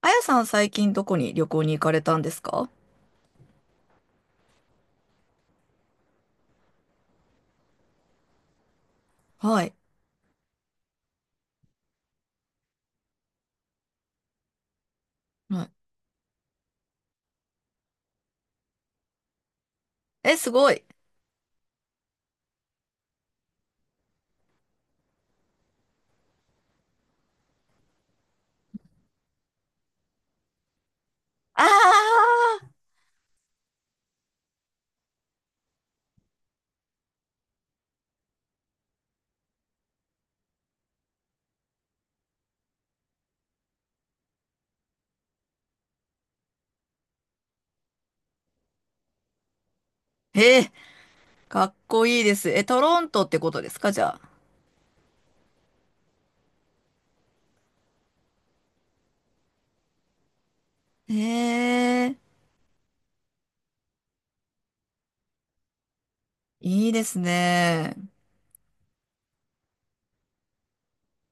あやさん、最近どこに旅行に行かれたんですか？はい。はい。え、すごい。あー えー、かっこいいです。え、トロントってことですか、じゃあ。えー、いいですね。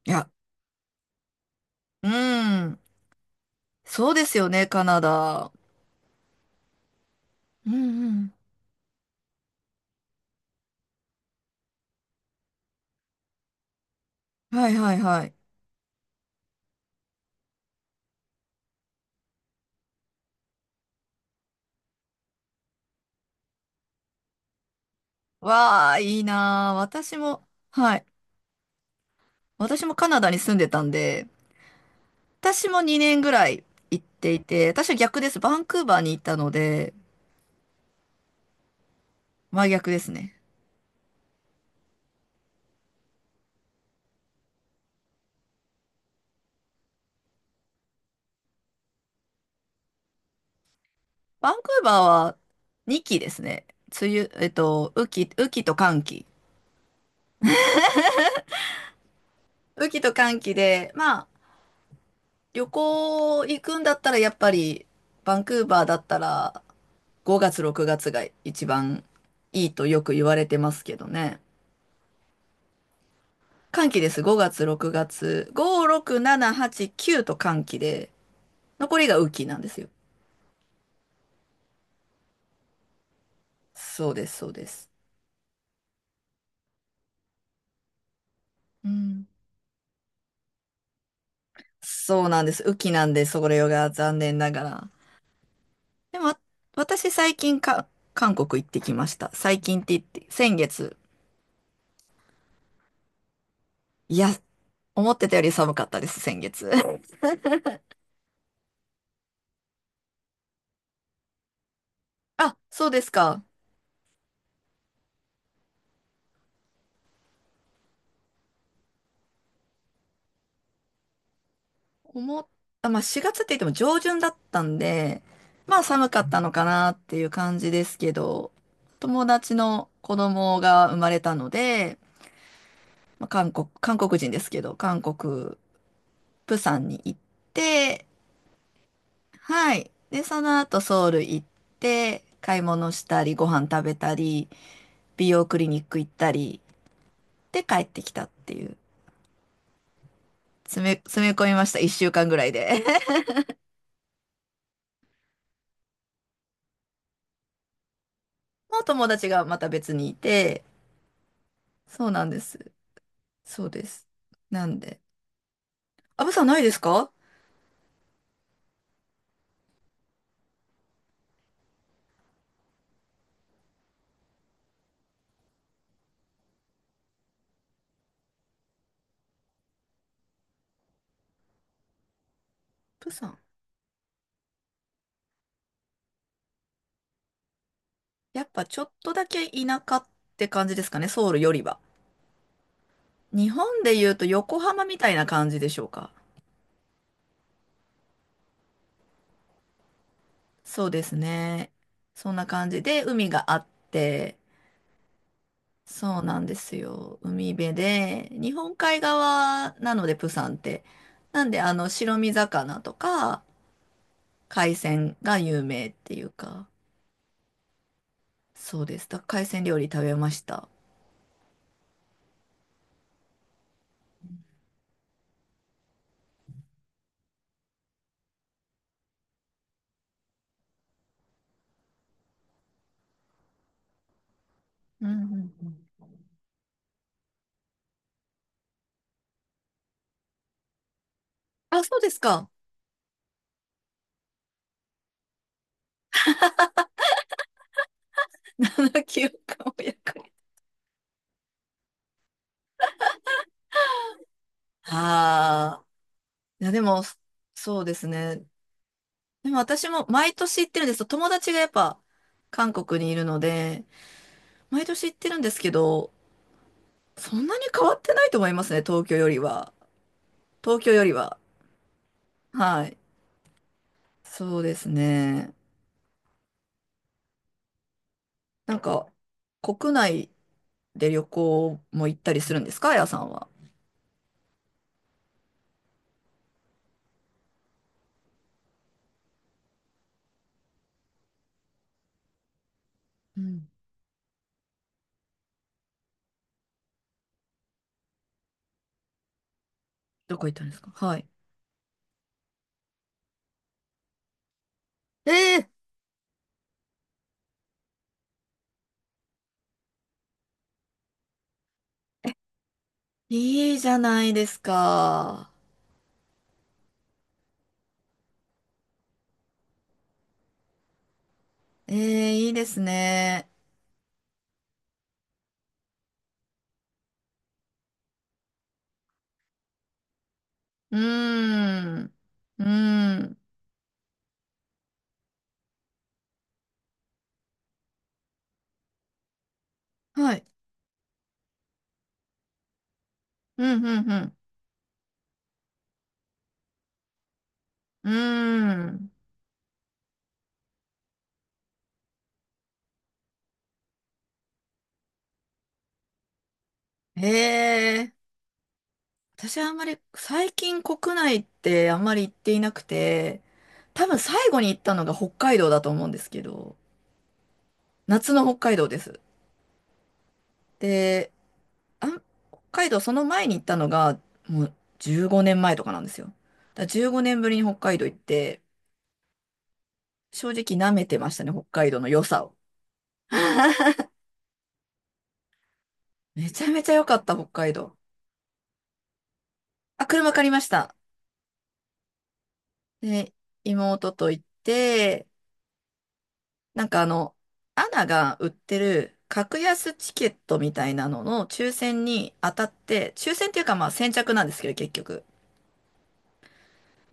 いや、うん。そうですよね、カナダ。うんうん。はいはいはい。わあ、いいなあ。私も、はい。私もカナダに住んでたんで、私も2年ぐらい行っていて、私は逆です。バンクーバーに行ったので、真逆ですね。バンクーバーは2期ですね。梅雨、雨季と乾季。雨季と乾季で、まあ、旅行行くんだったらやっぱり、バンクーバーだったら5月、6月が一番いいとよく言われてますけどね。乾季です。5月、6月。5、6、7、8、9と乾季で、残りが雨季なんですよ。そうです、そうです。うん。そうなんです。雨季なんで、それが残念ながら。でも、私最近、韓国行ってきました。最近って言って、先月。いや、思ってたより寒かったです、先月。あ、そうですか。思っ、あ、まあ4月って言っても上旬だったんで、まあ寒かったのかなっていう感じですけど、友達の子供が生まれたので、まあ、韓国、韓国人ですけど、韓国、釜山に行って、はい。で、その後ソウル行って、買い物したり、ご飯食べたり、美容クリニック行ったり、で帰ってきたっていう。詰め込みました。一週間ぐらいで。もう友達がまた別にいて、そうなんです。そうです。なんで。あ、プサンないですか？プサン。やっぱちょっとだけ田舎って感じですかね、ソウルよりは。日本で言うと横浜みたいな感じでしょうか。そうですね。そんな感じで海があって、そうなんですよ。海辺で、日本海側なので、プサンって。なんで、あの、白身魚とか、海鮮が有名っていうか、そうです。海鮮料理食べました。うんうんうん。あ、そうですか。あの記憶をやかに。ああ。いや、でも、そうですね。でも私も毎年行ってるんですよ。友達がやっぱ、韓国にいるので、毎年行ってるんですけど、そんなに変わってないと思いますね、東京よりは。東京よりは。はい。そうですね。なんか、国内で旅行も行ったりするんですか、あやさんは？うん。どこ行ったんですか？はい。ええ、いいじゃないですか。ええ、いいですね。うーん。うーん。はい。うん、うん、うん。うーん。ええ、私はあんまり、最近国内ってあんまり行っていなくて、多分最後に行ったのが北海道だと思うんですけど、夏の北海道です。で、あん、北海道その前に行ったのが、もう15年前とかなんですよ。だから15年ぶりに北海道行って、正直舐めてましたね、北海道の良さを。めちゃめちゃ良かった、北海道。あ、車借りました。で、妹と行って、なんかアナが売ってる格安チケットみたいなのの抽選に当たって、抽選っていうかまあ先着なんですけど、結局。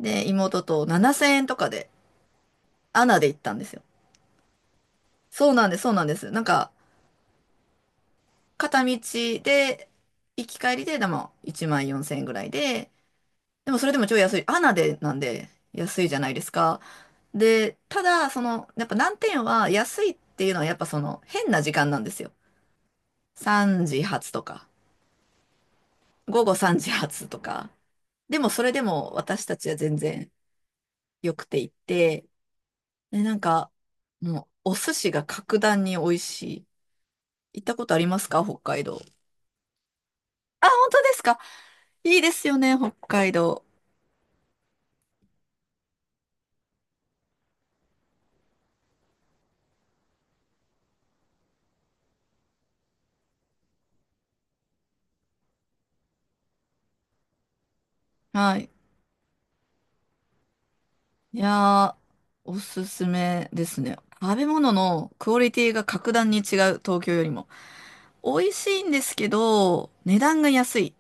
で、妹と7000円とかで、アナで行ったんですよ。そうなんです、そうなんです。なんか、片道で、行き帰りで、でも1万4000円ぐらいで、でもそれでも超安い。アナでなんで安いじゃないですか。で、ただ、やっぱ難点は安いっていうのはやっぱその変な時間なんですよ。3時発とか、午後3時発とか。でもそれでも私たちは全然良くて行って、で、なんか、もうお寿司が格段に美味しい。行ったことありますか、北海道？あ、本当ですか？いいですよね、北海道。はい。いやー、おすすめですね。食べ物のクオリティが格段に違う、東京よりも。美味しいんですけど、値段が安い。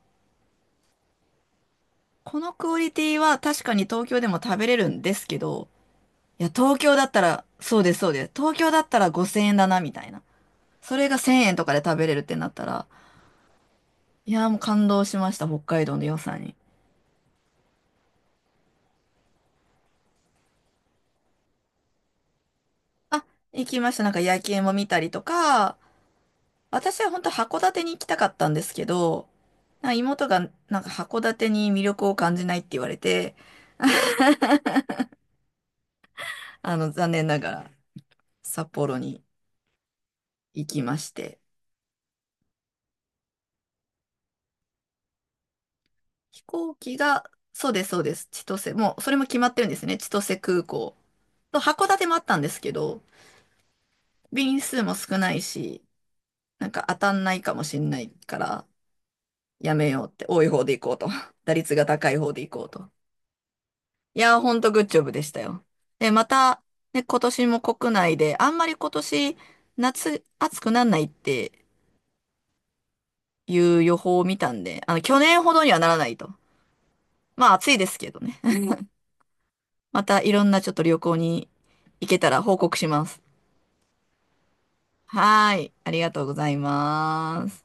このクオリティは確かに東京でも食べれるんですけど、いや、東京だったら、そうです、そうです。東京だったら5000円だな、みたいな。それが1000円とかで食べれるってなったら、いやーもう感動しました、北海道の良さに。あ、行きました。なんか夜景も見たりとか、私は本当函館に行きたかったんですけど、なんか妹がなんか函館に魅力を感じないって言われて、あの、残念ながら札幌に行きまして。飛行機が、そうです、そうです。千歳、もうそれも決まってるんですね。千歳空港。と函館もあったんですけど、便数も少ないし、なんか当たんないかもしんないから、やめようって、多い方で行こうと。打率が高い方で行こうと。いや、ほんとグッジョブでしたよ。で、また、ね、今年も国内で、あんまり今年、夏、暑くならないっていう予報を見たんで、あの、去年ほどにはならないと。まあ、暑いですけどね。またいろんなちょっと旅行に行けたら報告します。はーい、ありがとうございます。